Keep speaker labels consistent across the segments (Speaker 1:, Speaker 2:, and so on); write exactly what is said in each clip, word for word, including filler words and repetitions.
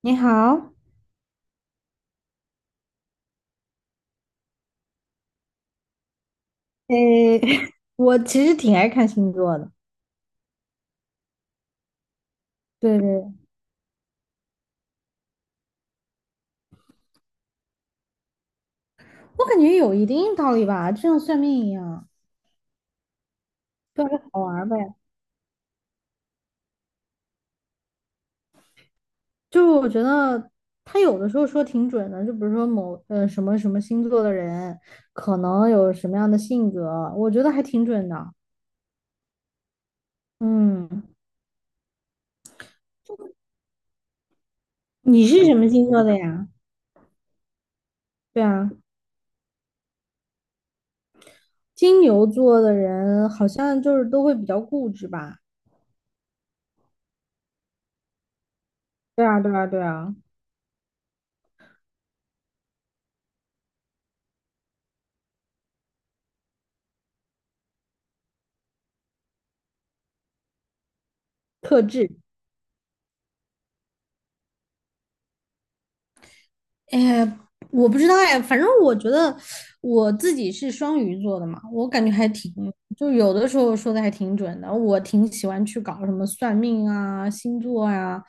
Speaker 1: 你好。诶，我其实挺爱看星座的。对对。我感觉有一定道理吧，就像算命一样。对，好玩儿呗。就是我觉得他有的时候说挺准的，就比如说某呃什么什么星座的人可能有什么样的性格，我觉得还挺准的。嗯。你是什么星座的呀？对啊，金牛座的人好像就是都会比较固执吧？对啊，对啊，对啊。特质。哎，我不知道哎，反正我觉得我自己是双鱼座的嘛，我感觉还挺，就有的时候说的还挺准的。我挺喜欢去搞什么算命啊、星座啊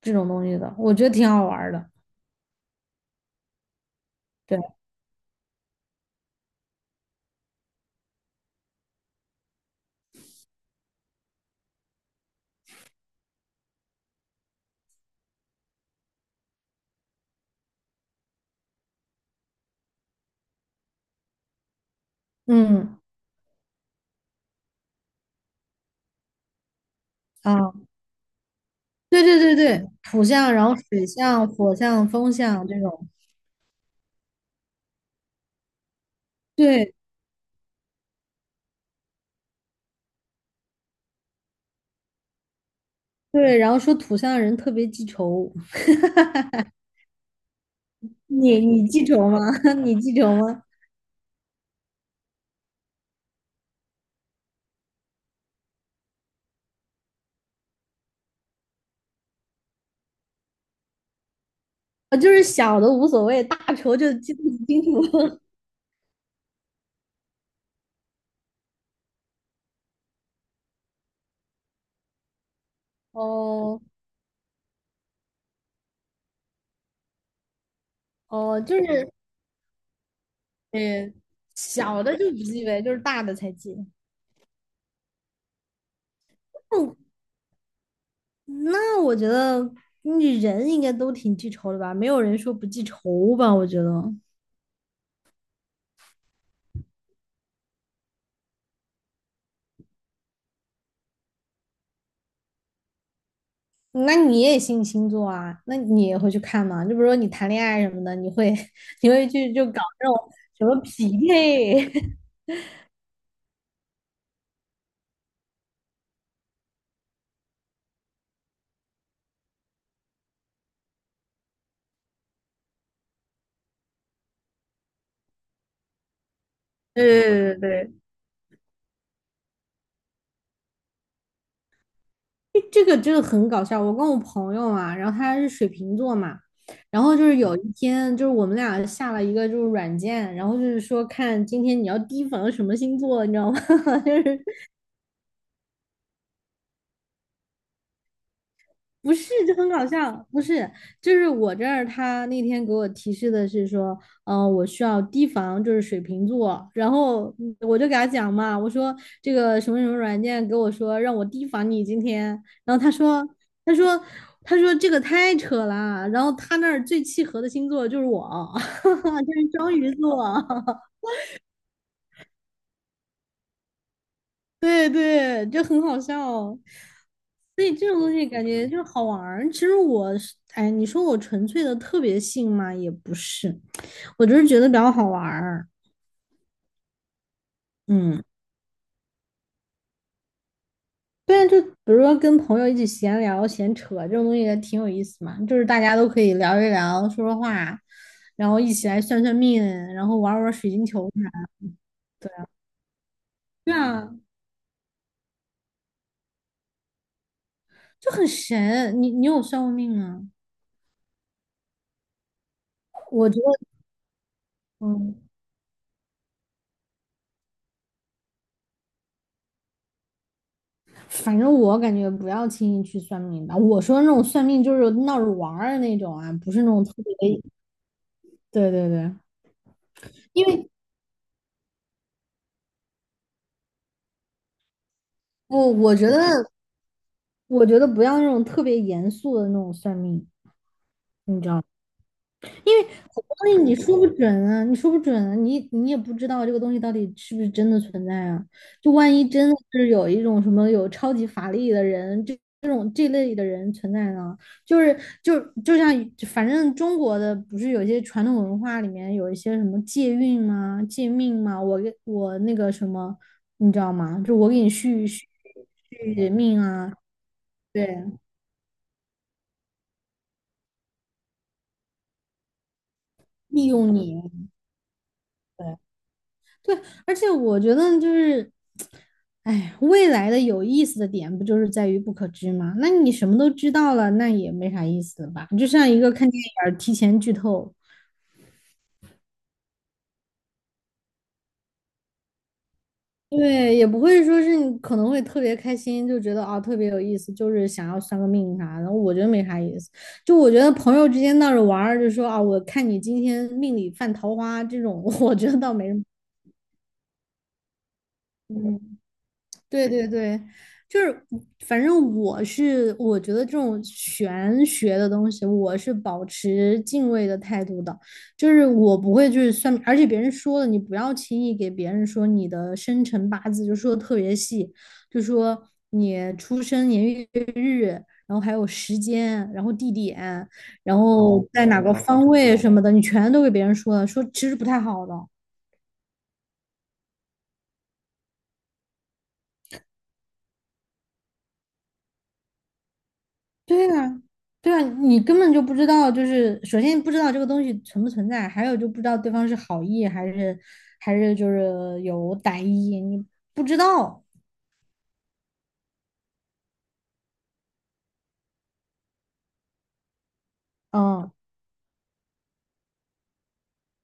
Speaker 1: 这种东西的，我觉得挺好玩儿的。对。嗯。啊，对对对对，土象，然后水象、火象、风象这种。对对，然后说土象的人特别记仇。你你记仇吗？你记仇吗？啊，就是小的无所谓，大仇就记不清楚。哦。哦，就是，嗯，小的就不记呗，就是大的才记。哦，那我觉得你人应该都挺记仇的吧？没有人说不记仇吧？我觉得。那你也信星座啊？那你也会去看吗？就比如说你谈恋爱什么的，你会 你会去就搞那种什么匹配？对对对对。诶，这个真的很搞笑。我跟我朋友啊，然后他是水瓶座嘛，然后就是有一天，就是我们俩下了一个就是软件，然后就是说看今天你要提防什么星座，你知道吗？就是不是，就很搞笑。不是，就是我这儿他那天给我提示的是说，嗯、我需要提防就是水瓶座，然后嗯我就给他讲嘛，我说这个什么什么软件给我说让我提防你今天，然后他说，他说，他说这个太扯了，然后他那儿最契合的星座就是我，就是双鱼座。对对，就很好笑哦。所以这种东西感觉就好玩儿。其实我是，哎，你说我纯粹的特别信嘛，也不是，我就是觉得比较好玩儿。嗯，对啊，就比如说跟朋友一起闲聊、闲扯这种东西也挺有意思嘛，就是大家都可以聊一聊、说说话，然后一起来算算命，然后玩儿玩儿水晶球啥的。对啊，就很神。你你有算过命吗？我觉得，嗯。反正我感觉不要轻易去算命吧。我说那种算命就是闹着玩儿的那种啊，不是那种特别。对对对，因为我我觉得我觉得不要那种特别严肃的那种算命。因为很多东西你说不准啊，你说不准啊，你你也不知道这个东西到底是不是真的存在啊。就万一真的是有一种什么有超级法力的人，这这种这类的人存在呢，就是就就像反正中国的不是有些传统文化里面有一些什么借运吗、借命吗？我给我那个什么，你知道吗？就我给你续续续命啊，对，利用你啊，对。对，而且我觉得就是，哎，未来的有意思的点不就是在于不可知吗？那你什么都知道了，那也没啥意思了吧？就像一个看电影儿提前剧透，对，也不会说是你可能会特别开心，就觉得啊、特别有意思，就是想要算个命啥的，我觉得没啥意思。就我觉得朋友之间闹着玩儿，就说啊，我看你今天命里犯桃花这种，我觉得倒没什么。嗯对对对，就是反正我是我觉得这种玄学的东西，我是保持敬畏的态度的，就是我不会去算命而且别人说的你不要轻易给别人说你的生辰八字，就说的特别细，就说你出生年月日，然后还有时间，然后地点，然后哦在哪个方位什么的，你全都给别人说了，说其实不太好的。对啊，对啊，你根本就不知道，就是首先不知道这个东西存不存在，还有就不知道对方是好意还是还是就是有歹意，你不知道。嗯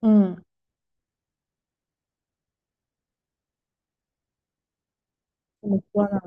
Speaker 1: 嗯，怎么说呢？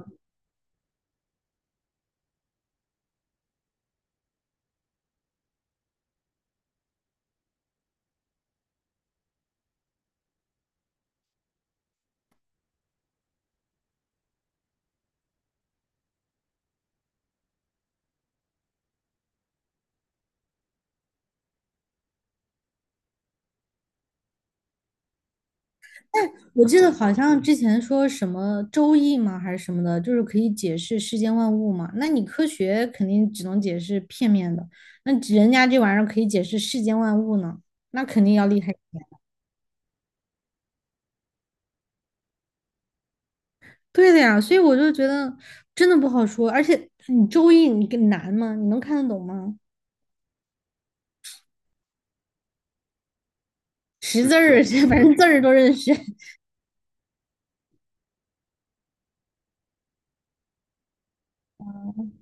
Speaker 1: 我记得好像之前说什么周易吗，还是什么的，就是可以解释世间万物嘛。那你科学肯定只能解释片面的，那人家这玩意儿可以解释世间万物呢，那肯定要厉害。对的呀，所以我就觉得真的不好说，而且你周易你更难吗？你能看得懂吗？识字儿，反正字儿都认识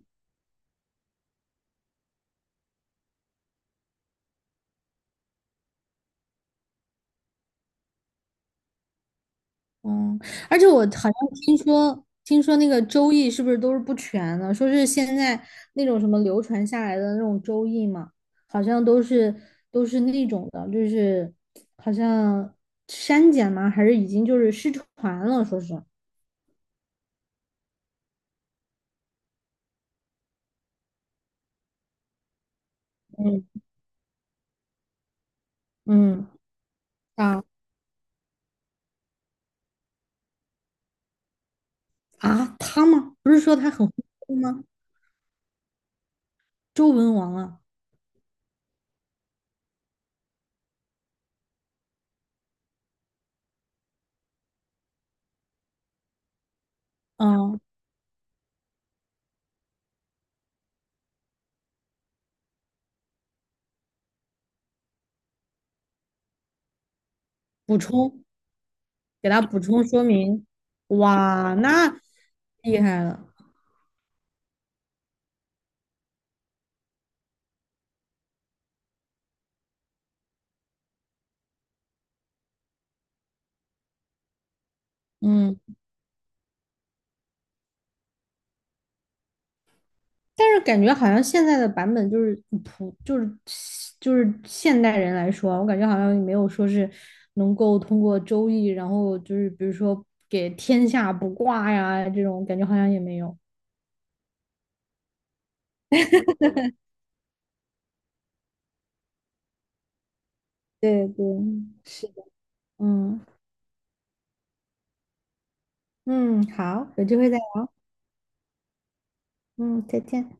Speaker 1: 嗯，而且我好像听说，听说那个周易是不是都是不全的？说是现在那种什么流传下来的那种周易嘛，好像都是都是那种的，就是好像删减吗？还是已经就是失传了？说是，嗯嗯啊啊，他吗？不是说他很会吗？周文王啊，嗯，补充，给他补充说明，哇，那厉害了，嗯，但是感觉好像现在的版本就是普，就是就是现代人来说啊，我感觉好像也没有说是能够通过周易，然后就是比如说给天下卜卦呀这种，感觉好像也没有。对对，是的，嗯嗯，好，有机会再聊，嗯，再见。